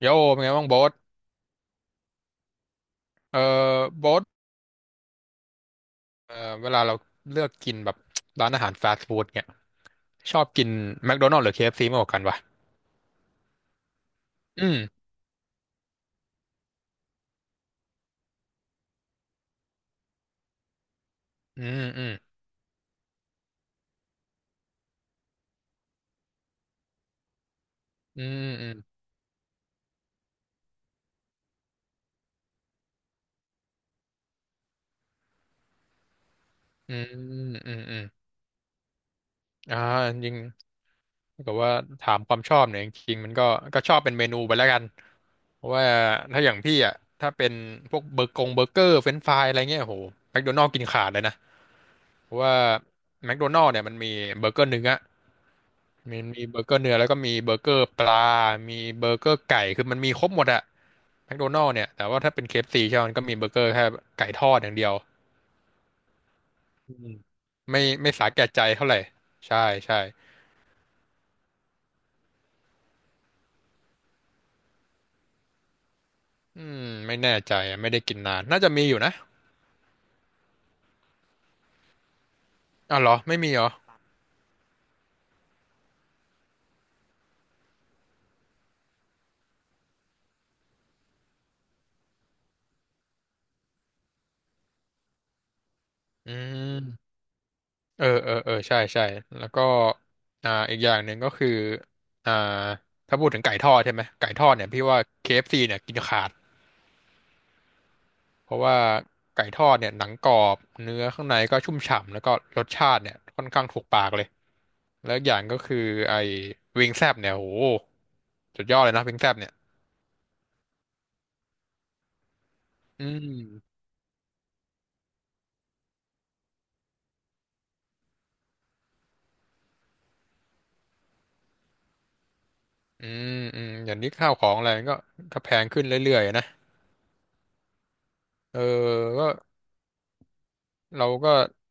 โยเป็นไงบ้างโบ๊ทเออโบ๊ทเออเวลาเราเลือกกินแบบร้านอาหารฟาสต์ฟู้ดเนี่ยชอบกินแมคโดนัลด์หรือ KFC มากกว่ากันวะอืมอืมอืมอืมอืมอืมอืมอืมอ่าจริงๆถ้าเกิดว่าถามความชอบเนี่ยจริงๆมันก็ชอบเป็นเมนูไปแล้วกันเพราะว่าถ้าอย่างพี่อ่ะถ้าเป็นพวกเบอร์กงเบอร์เกอร์เฟรนช์ฟรายอะไรเงี้ยโหแมคโดนัลด์กินขาดเลยนะเพราะว่าแมคโดนัลด์เนี่ยมันมีเบอร์เกอร์เนื้อ มันมีเบอร์เกอร์เนื้อแล้วก็มีเบอร์เกอร์ปลา มีเบอร์เกอร์ไก่คือมันมีครบหมดอะแมคโดนัลด์เนี่ยแต่ว่าถ้าเป็น KFC ใช่ไหมมันก็มีเบอร์เกอร์แค่ไก่ทอดอย่างเดียวอืมไม่สาแก่ใจเท่าไหร่ใช่ใช่อืมไม่แน่ใจอะไม่ได้กินนานน่าจะมีอยู่นะอ๋อเหรอไม่มีเหรออืมอเออเออเออใช่ใช่แล้วก็อีกอย่างหนึ่งก็คืออ่าถ้าพูดถึงไก่ทอดใช่ไหมไก่ทอดเนี่ยพี่ว่าเคเอฟซีเนี่ยกินขาด เพราะว่าไก่ทอดเนี่ยหนังกรอบเนื้อข้างในก็ชุ่มฉ่ำแล้วก็รสชาติเนี่ยค่อนข้างถูกปากเลยแล้วอกอย่างก็คือไอ้วิงแซบเนี่ยโหสุดยอดเลยนะวิงแซบเนี่ยอืมอืมอืมอย่างนี้ข้าวของอะไรมันก็แพงขึ้นเรื่อยๆนะเออก็เราก็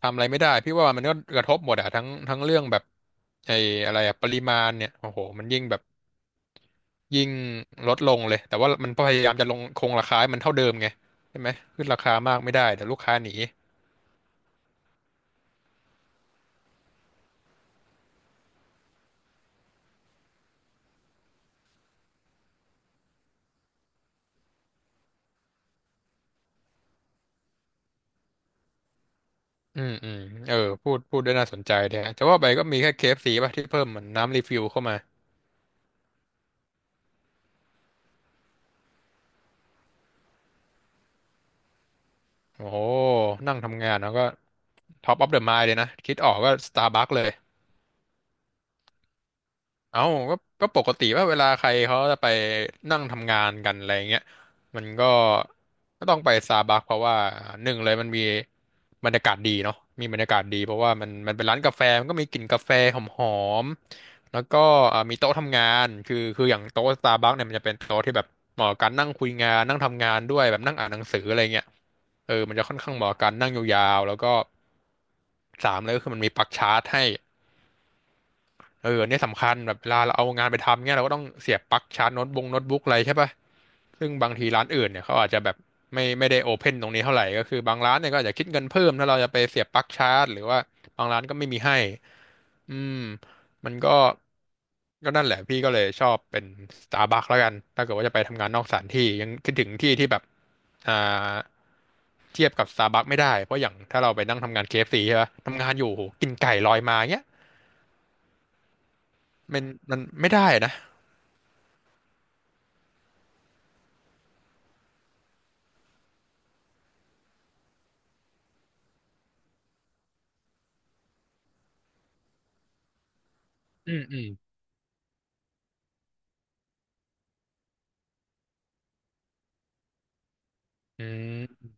ทำอะไรไม่ได้พี่ว่ามันก็กระทบหมดอะทั้งเรื่องแบบไอ้อะไรอะปริมาณเนี่ยโอ้โหมันยิ่งแบบ ยิ่งลดลงเลยแต่ว่ามันพยายามจะลงคงราคาให้มันเท่าเดิมไงใช่ไหมขึ้นราคามากไม่ได้แต่ลูกค้าหนีอืมอืมเออพูดด้วยน่าสนใจเนี่ยแต่ว่าไปก็มีแค่ KFC ป่ะที่เพิ่มเหมือนน้ำรีฟิลเข้ามาโอ้โหนั่งทำงานแล้วก็ท็อปออฟเดอะไมายเลยนะคิดออกก็สตาร์บัคเลย เอ้าก็ปกติว่าเวลาใครเขาจะไปนั่งทำงานกันอะไรเงี้ยมันก็ต้องไปซาบักเพราะว่าหนึ่งเลยมันมีบรรยากาศดีเนาะมีบรรยากาศดีเพราะว่ามันเป็นร้านกาแฟมันก็มีกลิ่นกาแฟหอมๆแล้วก็มีโต๊ะทำงานคืออย่างโต๊ะซาบักเนี่ยมันจะเป็นโต๊ะที่แบบเหมาะกับการนั่งคุยงานนั่งทำงานด้วยแบบนั่งอ่านหนังสืออะไรเงี้ยเออมันจะค่อนข้างเหมาะกับการนั่งยาวๆแล้วก็สามเลยก็คือมันมีปลั๊กชาร์จให้ เออเนี่ยสำคัญแบบเวลาเราเอางานไปทำเนี่ยเราก็ต้องเสียบปลั๊กชาร์จโน้ตบุ๊กอะไรใช่ปะซึ่งบางทีร้านอื่นเนี่ยเขาอาจจะแบบไม่ได้โอเพนตรงนี้เท่าไหร่ก็คือบางร้านเนี่ยก็อาจจะคิดเงินเพิ่มถ้าเราจะไปเสียบปลั๊กชาร์จหรือว่าบางร้านก็ไม่มีให้อืมมันก็นั่นแหละพี่ก็เลยชอบเป็นสตาร์บัคแล้วกันถ้าเกิดว่าจะไปทำงานนอกสถานที่ยังคิดถึงที่ที่แบบอ่าเทียบกับสตาร์บัคไม่ได้เพราะอย่างถ้าเราไปนั่งทำงานเคเอฟซีใช่ปะทำงานอยู่โหกินไก่ลอยมาเงี้ยมันมันไม่ได้นะอืมอืม อืม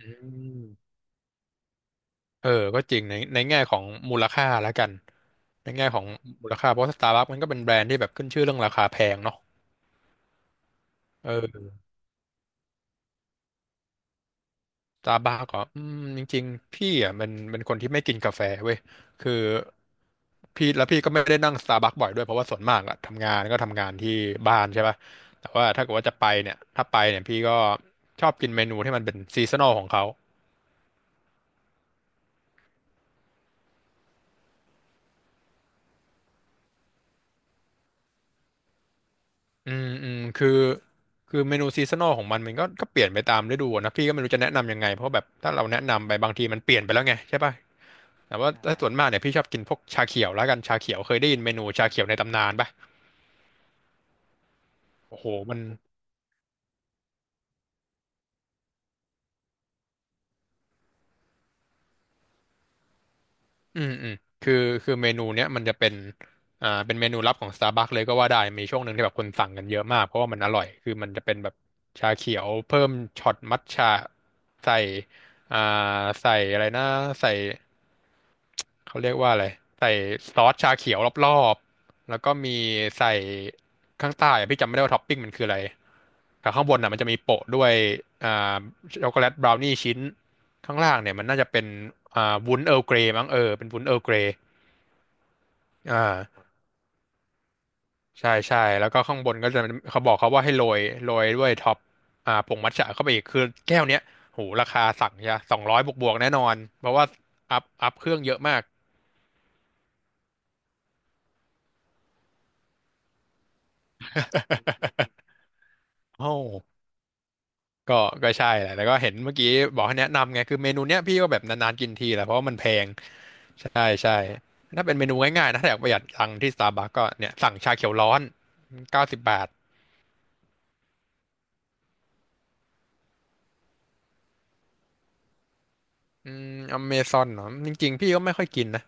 อืมเออก็จริงในแง่ของมูลค่าแล้วกันในแง่ของมูลค่าเพราะสตาร์บัคมันก็เป็นแบรนด์ที่แบบขึ้นชื่อเรื่องราคาแพงเนาะเออสตาร์บัคก็อืมจริงๆพี่อ่ะมันเป็นคนที่ไม่กินกาแฟเว้ยคือพี่แล้วพี่ก็ไม่ได้นั่งสตาร์บัคบ่อยด้วยเพราะว่าส่วนมากอะทำงานก็ทำงานที่บ้านใช่ป่ะแต่ว่าถ้าเกิดว่าจะไปเนี่ยถ้าไปเนี่ยพี่ก็ชอบกินเมนูที่มันเป็นซีซันอลของเขา อืมอืมคือคือเมนูซีซันอลของมันมันก็เปลี่ยนไปตามฤดูอะนะพี่ก็ไม่รู้จะแนะนำยังไงเพราะแบบถ้าเราแนะนำไปบางทีมันเปลี่ยนไปแล้วไงใช่ป่ะแต่ว่าใช่ถ้าส่วนมากเนี่ยพี่ชอบกินพวกชาเขียวแล้วกันชาเขียวเคยได้ยินเมนูชาเขียวในตำนานป่ะโอ้โหมัน อืมอืมคือคือเมนูเนี้ยมันจะเป็นเป็นเมนูลับของ Starbucks เลยก็ว่าได้มีช่วงหนึ่งที่แบบคนสั่งกันเยอะมากเพราะว่ามันอร่อยคือมันจะเป็นแบบชาเขียวเพิ่มช็อตมัทฉะใส่อ่าใส่อะไรนะใส่เขาเรียกว่าอะไรใส่ซอสชาเขียวรอบๆแล้วก็มีใส่ข้างใต้อะพี่จำไม่ได้ว่าท็อปปิ้งมันคืออะไรแต่ข้างบนอ่ะมันจะมีโปะด้วยอ่าช็อกโกแลตบราวนี่ชิ้น ข้างล่างเนี่ยมันน่าจะเป็นวุ้นเอ r ร์ลเกรมั้งเออเป็นวุ้นเอ r ร์ลเกรอ่าใช่ใช่แล้วก็ข้างบนก็จะเขาบอกเขาว่าให้โรยด้วยท็อปผงมัทฉะเข้าไปอีกคือแก้วเนี้ยโหราคาสั่งใช่200บวกบวกๆแน่นอนเพราะว่าอัพเครื่องเยอะมาก โอ้ก็ใช่แหละแล้วก็เห็นเมื่อกี้บอกให้แนะนำไงคือเมนูเนี้ยพี่ก็แบบนานๆกินทีแหละเพราะว่ามันแพงใช่ใช่ถ้าเป็นเมนูง่ายๆนะถ้าอยากประหยัดตังค์ที่สตาร์บัคก็เนี่ยสั่งชาเขียวร้อน90 บาท อืมอเมซอนเนาะจริงๆพี่ก็ไม่ค่อยกินนะ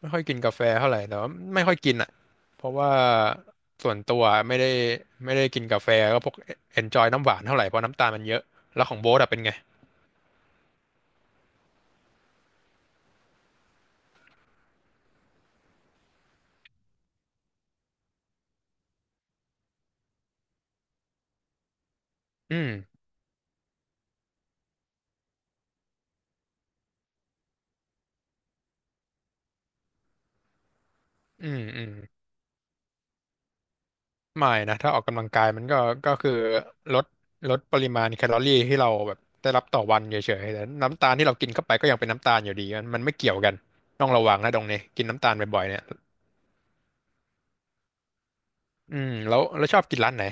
ไม่ค่อยกินกาแฟเท่าไหร่แต่ว่าไม่ค่อยกินอ่ะเพราะว่าส่วนตัวไม่ได้กินกาแฟก็พวกเอนจอยน้ำหวานเท่าไหร่เพราะน้ำตาลมันเยอะแล้วของโบ๊ทอะเป็นไงอืมอืมอืมไม่นะถ้าออกกำลังกายมันก็คือลดลดปริมาณแคลอรี่ที่เราแบบได้รับต่อวันเฉยๆแต่น้ำตาลที่เรากินเข้าไปก็ยังเป็นน้ำตาลอยู่ดีมันไม่เกี่ยวกันต้องระวังนะตรงนี้กินน้ำตาลบ่อยๆเนี่ยอืมแล้วชอบกินร้านไหน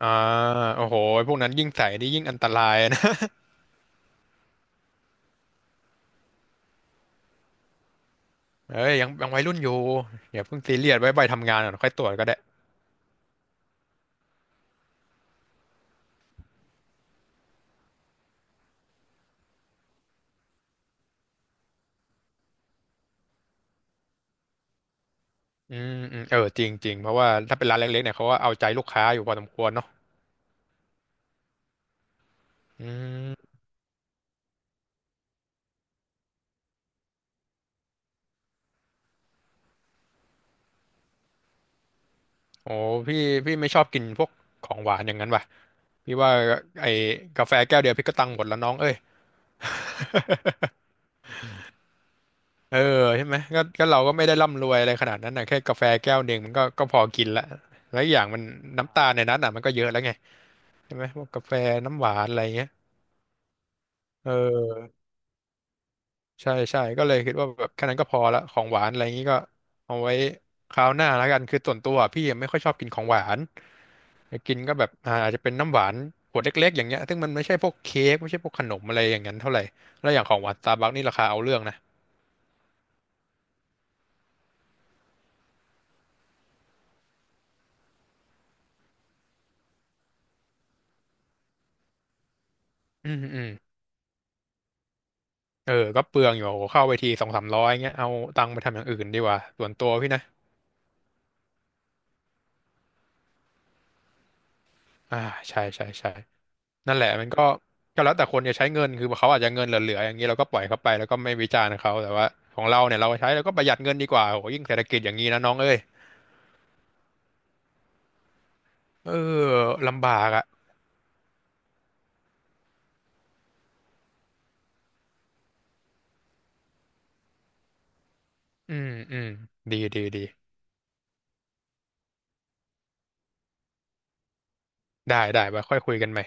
อ่าโอ้โหพวกนั้นยิ่งใส่นี่ยิ่งอันตรายนะ เอ้ยยังวัยรุ่นอยู่อย่าเพิ่งซีเรียสไว้ใบทำงานก่อนค่อยตรวจก็ได้อืมอืมเออจริงจริงเพราะว่าถ้าเป็นร้านเล็กๆเนี่ยเขาก็เอาใจลูกค้าอยู่พอสมควรเนาะอืมโอ้พี่ไม่ชอบกินพวกของหวานอย่างนั้นว่ะ พี่ว่าไอ้กาแฟแก้วเดียวพี่ก็ตังค์หมดแล้วน้องเอ้ย เออใช่ไหมก็เราก็ไม่ได้ร่ำรวยอะไรขนาดนั้นนะแค่กาแฟแก้วหนึ่งมันก็พอกินละแล้วอกอย่างมันน้ำตาลในนั้นอ่ะมันก็เยอะแล้วไงใช่ไหมพวกกาแฟน้ำหวานอะไรเงี้ยเออ ใช่ใช่ก็เลยคิดว่าแบบแค่นั้นก็พอละของหวานอะไรอย่างนี้ก็เอาไว้คราวหน้าแล้วกันคือส่วนตัวพี่ไม่ค่อยชอบกินของหวานอยากกินก็แบบอาจจะเป็นน้ำหวานขวดเล็กๆอย่างเงี้ยซึ่งมันไม่ใช่พวกเค้กไม่ใช่พวกขนมอะไรอย่างนั้นเท่าไหร่แล้วอย่างของหวานสตาร์บัคนี่ราคาเอาเรื่องนะอืมอืมเออก็เปลืองอยู่เข้าไปทีสองสามร้อยเงี้ยเอาตังค์ไปทำอย่างอื่นดีกว่าส่วนตัวพี่นะอ่าใช่ใช่ใช่ นั่นแหละมันก็แล้วแต่คนจะใช้เงินคือเขาอาจจะเงินเหลือๆอย่างนี้เราก็ปล่อยเขาไปแล้วก็ไม่วิจารณ์เขาแต่ว่าของเราเนี่ยเราใช้แล้วก็ประหยัดเงินดีกว่าโหยิ่งเศรษฐกิจอย่างนี้นะน้องเอ้ยเออลำบากอ่ะอืมอืมดีดีดีได้ได้ไปค่อยคุยกันใหม่